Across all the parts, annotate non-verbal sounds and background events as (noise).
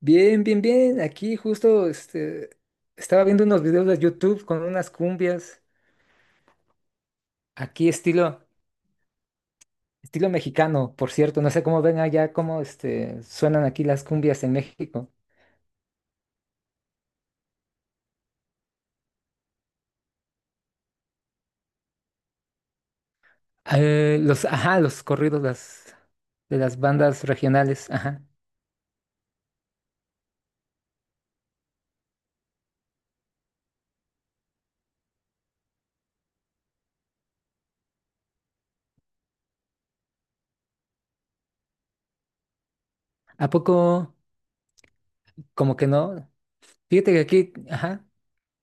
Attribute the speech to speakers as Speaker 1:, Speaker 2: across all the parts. Speaker 1: Bien, bien, bien. Aquí justo estaba viendo unos videos de YouTube con unas cumbias. Aquí estilo, estilo mexicano, por cierto. No sé cómo ven allá, cómo suenan aquí las cumbias en México. Los corridos de las bandas regionales. Ajá. ¿A poco? Como que no. Fíjate que aquí, ajá.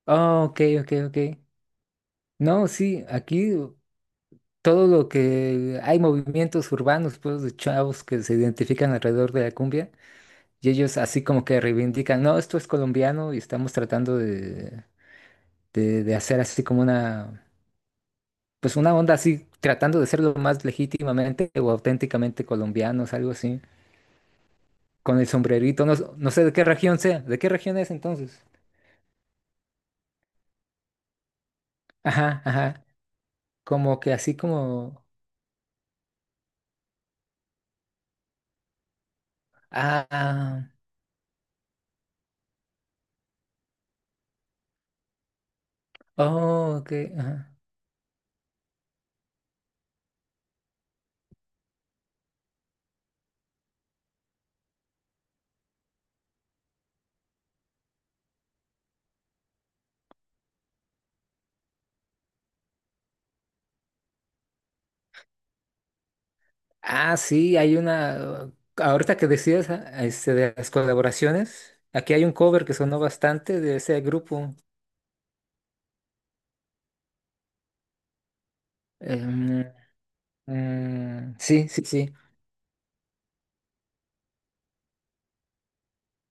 Speaker 1: Oh, ok, ok, ok. No, sí, aquí todo lo que hay movimientos urbanos, pues, de chavos que se identifican alrededor de la cumbia. Y ellos así como que reivindican, no, esto es colombiano y estamos tratando de hacer pues una onda así, tratando de ser lo más legítimamente o auténticamente colombianos, algo así, con el sombrerito, no, no sé de qué región sea, ¿de qué región es entonces? Ajá, ajá, como que así como, ah, ah, oh, ok, ajá. Ah, sí, ahorita que decías de las colaboraciones, aquí hay un cover que sonó bastante de ese grupo. em, Mm, sí, sí, sí.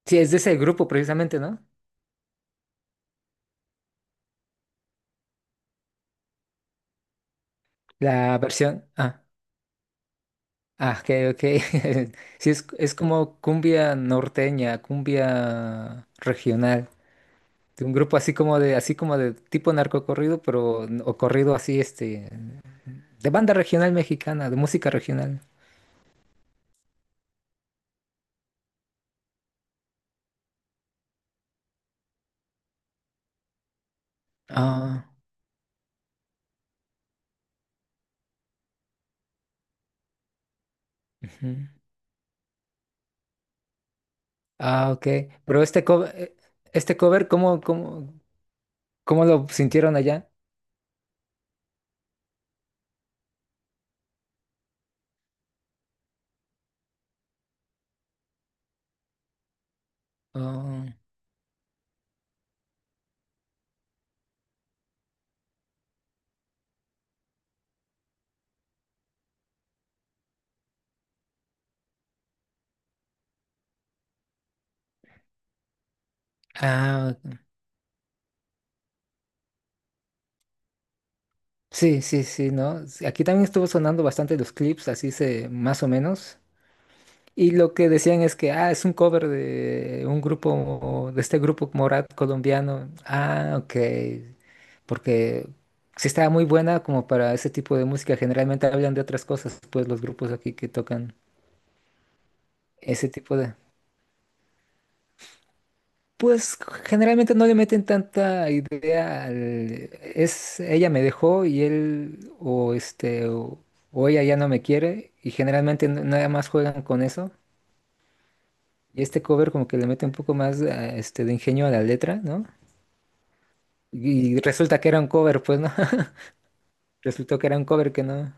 Speaker 1: Sí, es de ese grupo precisamente, ¿no? La versión. Ah, ah, ok, ok. (laughs) Sí, es como cumbia norteña, cumbia regional. De un grupo así como de tipo narcocorrido, pero o corrido así, de banda regional mexicana, de música regional. Ah, ujú. Ah, ok. Pero este cover, ¿cómo lo sintieron allá? Oh. Ah. Sí, sí, sí, ¿no? Sí, aquí también estuvo sonando bastante los clips, así se, más o menos. Y lo que decían es que, ah, es un cover de un grupo, de este grupo Morat colombiano. Ah, ok. Porque sí estaba muy buena como para ese tipo de música. Generalmente hablan de otras cosas, pues los grupos aquí que tocan ese tipo de... Pues generalmente no le meten tanta idea es ella me dejó y él o o ella ya no me quiere y generalmente nada más juegan con eso. Y este cover como que le mete un poco más de ingenio a la letra, ¿no? Y resulta que era un cover, pues no. (laughs) Resultó que era un cover que no.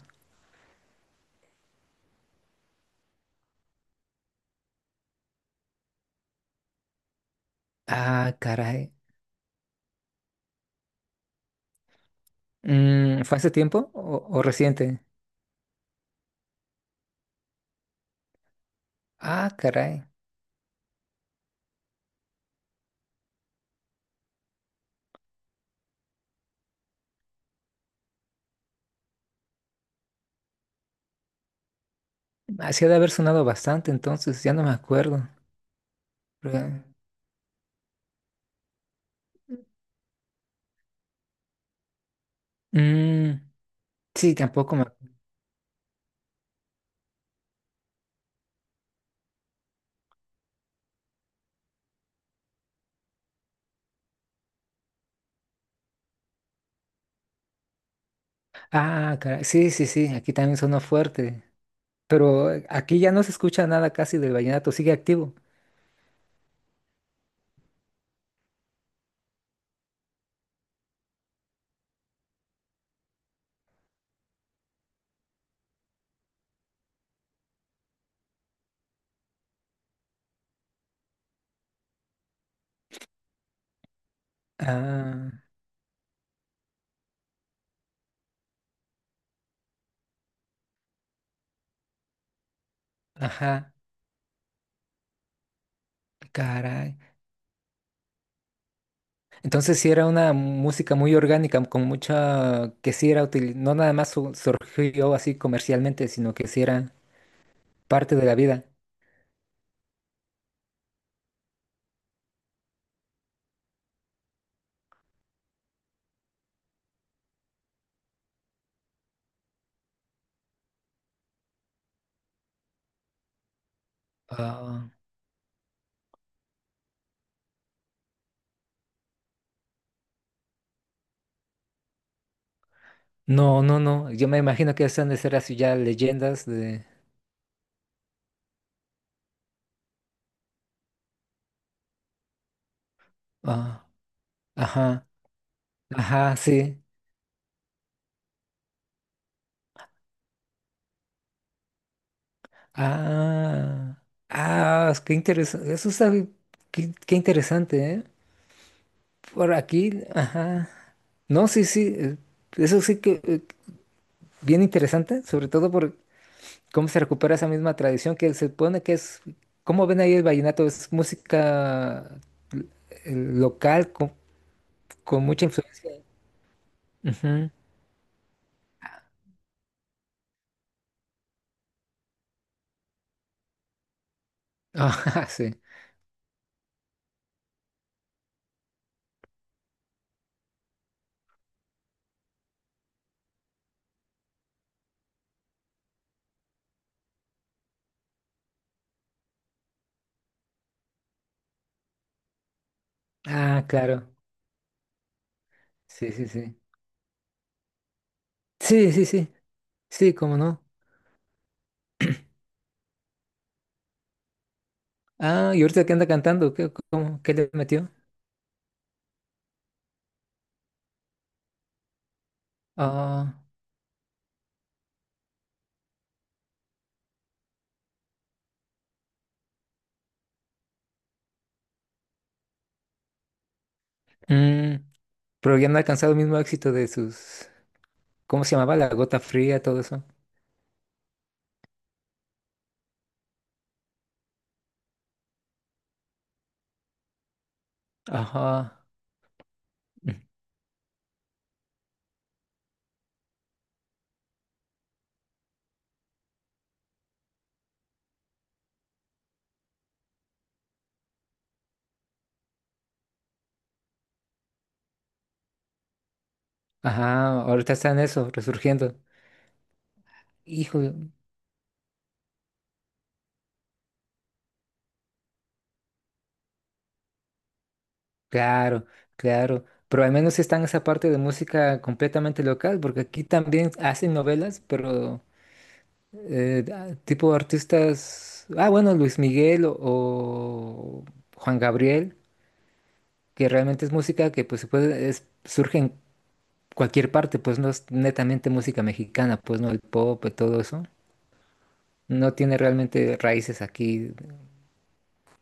Speaker 1: Ah, caray. Mm, ¿fue hace tiempo o reciente? Ah, caray. Hacía de haber sonado bastante entonces, ya no me acuerdo. Pero... Mm. Sí, tampoco me... Ah, caray. Sí, sí, sí, aquí también sonó fuerte. Pero aquí ya no se escucha nada casi del vallenato, sigue activo. Ah, ajá, caray. Entonces sí era una música muy orgánica, con mucha... que sí era útil, no nada más surgió así comercialmente, sino que sí era parte de la vida. Ah, no, no, no, yo me imagino que esas han de ser así ya leyendas de... Ah, ajá, ajá, sí. Ah, ah, qué interesante. Qué, qué interesante, ¿eh? Por aquí, ajá. No, sí, sí. Eso sí que bien interesante, sobre todo por cómo se recupera esa misma tradición que se supone que es, ¿cómo ven ahí el vallenato? Es música l- local con mucha influencia. Ujú. (laughs) Ajá, sí. Ah, claro. Sí, sí, sí. Sí, sí, sí. Sí, cómo no. Ah, y ahorita que anda cantando, ¿qué le metió? Ah, mm, pero ya no ha alcanzado el mismo éxito de sus, ¿cómo se llamaba? La gota fría, todo eso. Ajá. Mm. Ajá, ahorita están eso, resurgiendo. Hijo, claro, claro. Pero al menos están esa parte de música completamente local, porque aquí también hacen novelas, pero tipo artistas, ah, bueno, Luis Miguel o Juan Gabriel, que realmente es música que pues se puede, es, surge en cualquier parte, pues no es netamente música mexicana, pues no el pop, y todo eso. No tiene realmente raíces aquí,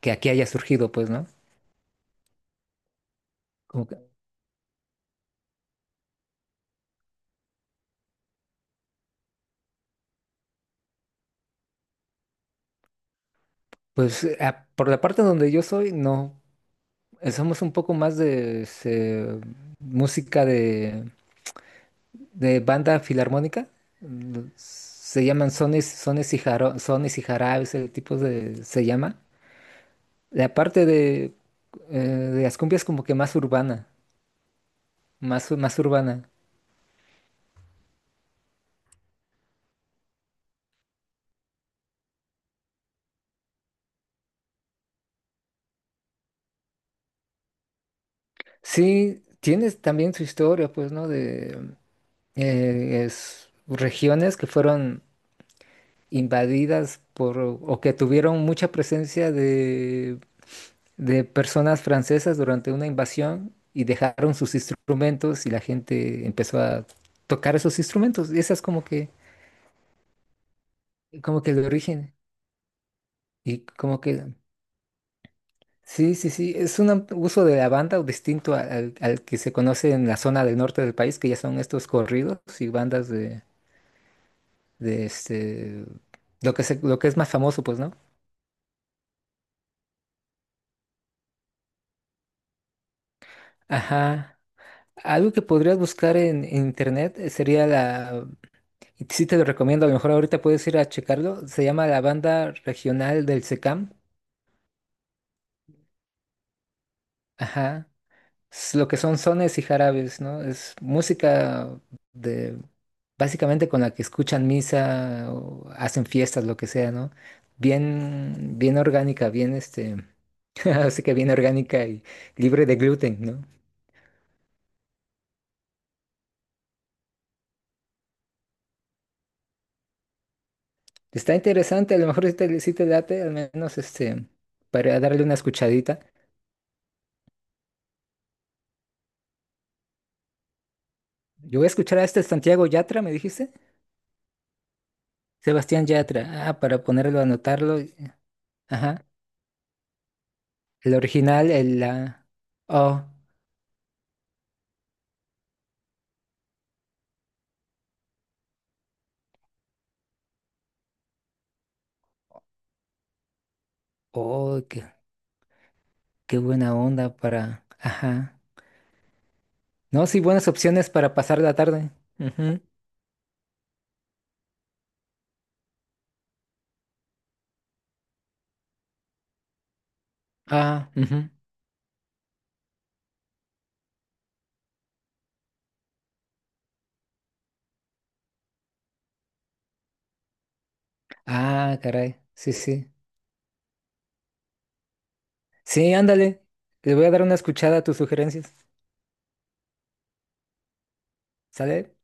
Speaker 1: que aquí haya surgido, pues, ¿no? Como que... pues por la parte donde yo soy, no. Somos un poco más de música de banda filarmónica. Se llaman sones, sones y jarabes, ese tipo de, se llama. La parte de las cumbias como que más urbana, más, más urbana. Sí, tienes también su historia, pues, ¿no? De regiones que fueron invadidas por o que tuvieron mucha presencia de personas francesas durante una invasión y dejaron sus instrumentos y la gente empezó a tocar esos instrumentos. Y esa es como que el origen. Y como que, sí, sí, sí, es un uso de la banda o distinto al que se conoce en la zona del norte del país, que ya son estos corridos y bandas de lo que es más famoso, pues, ¿no? Ajá. Algo que podrías buscar en internet sería la, y sí te lo recomiendo, a lo mejor ahorita puedes ir a checarlo, se llama la banda regional del SECAM. Ajá. Es lo que son sones y jarabes, ¿no? Es música de, básicamente con la que escuchan misa o hacen fiestas, lo que sea, ¿no? Bien, bien orgánica, bien (laughs) así que bien orgánica y libre de gluten, ¿no? Está interesante, a lo mejor si te late, al menos para darle una escuchadita. Yo voy a escuchar a este Santiago Yatra, ¿me dijiste? Sebastián Yatra. Ah, para ponerlo, anotarlo. Ajá. El original, el la. Oh, oh, qué, qué buena onda para. Ajá. No, sí, buenas opciones para pasar la tarde. Ujú. Ah, ujú. Ah, caray. Sí, sí. Sí, ándale. Le voy a dar una escuchada a tus sugerencias. ¿Sale?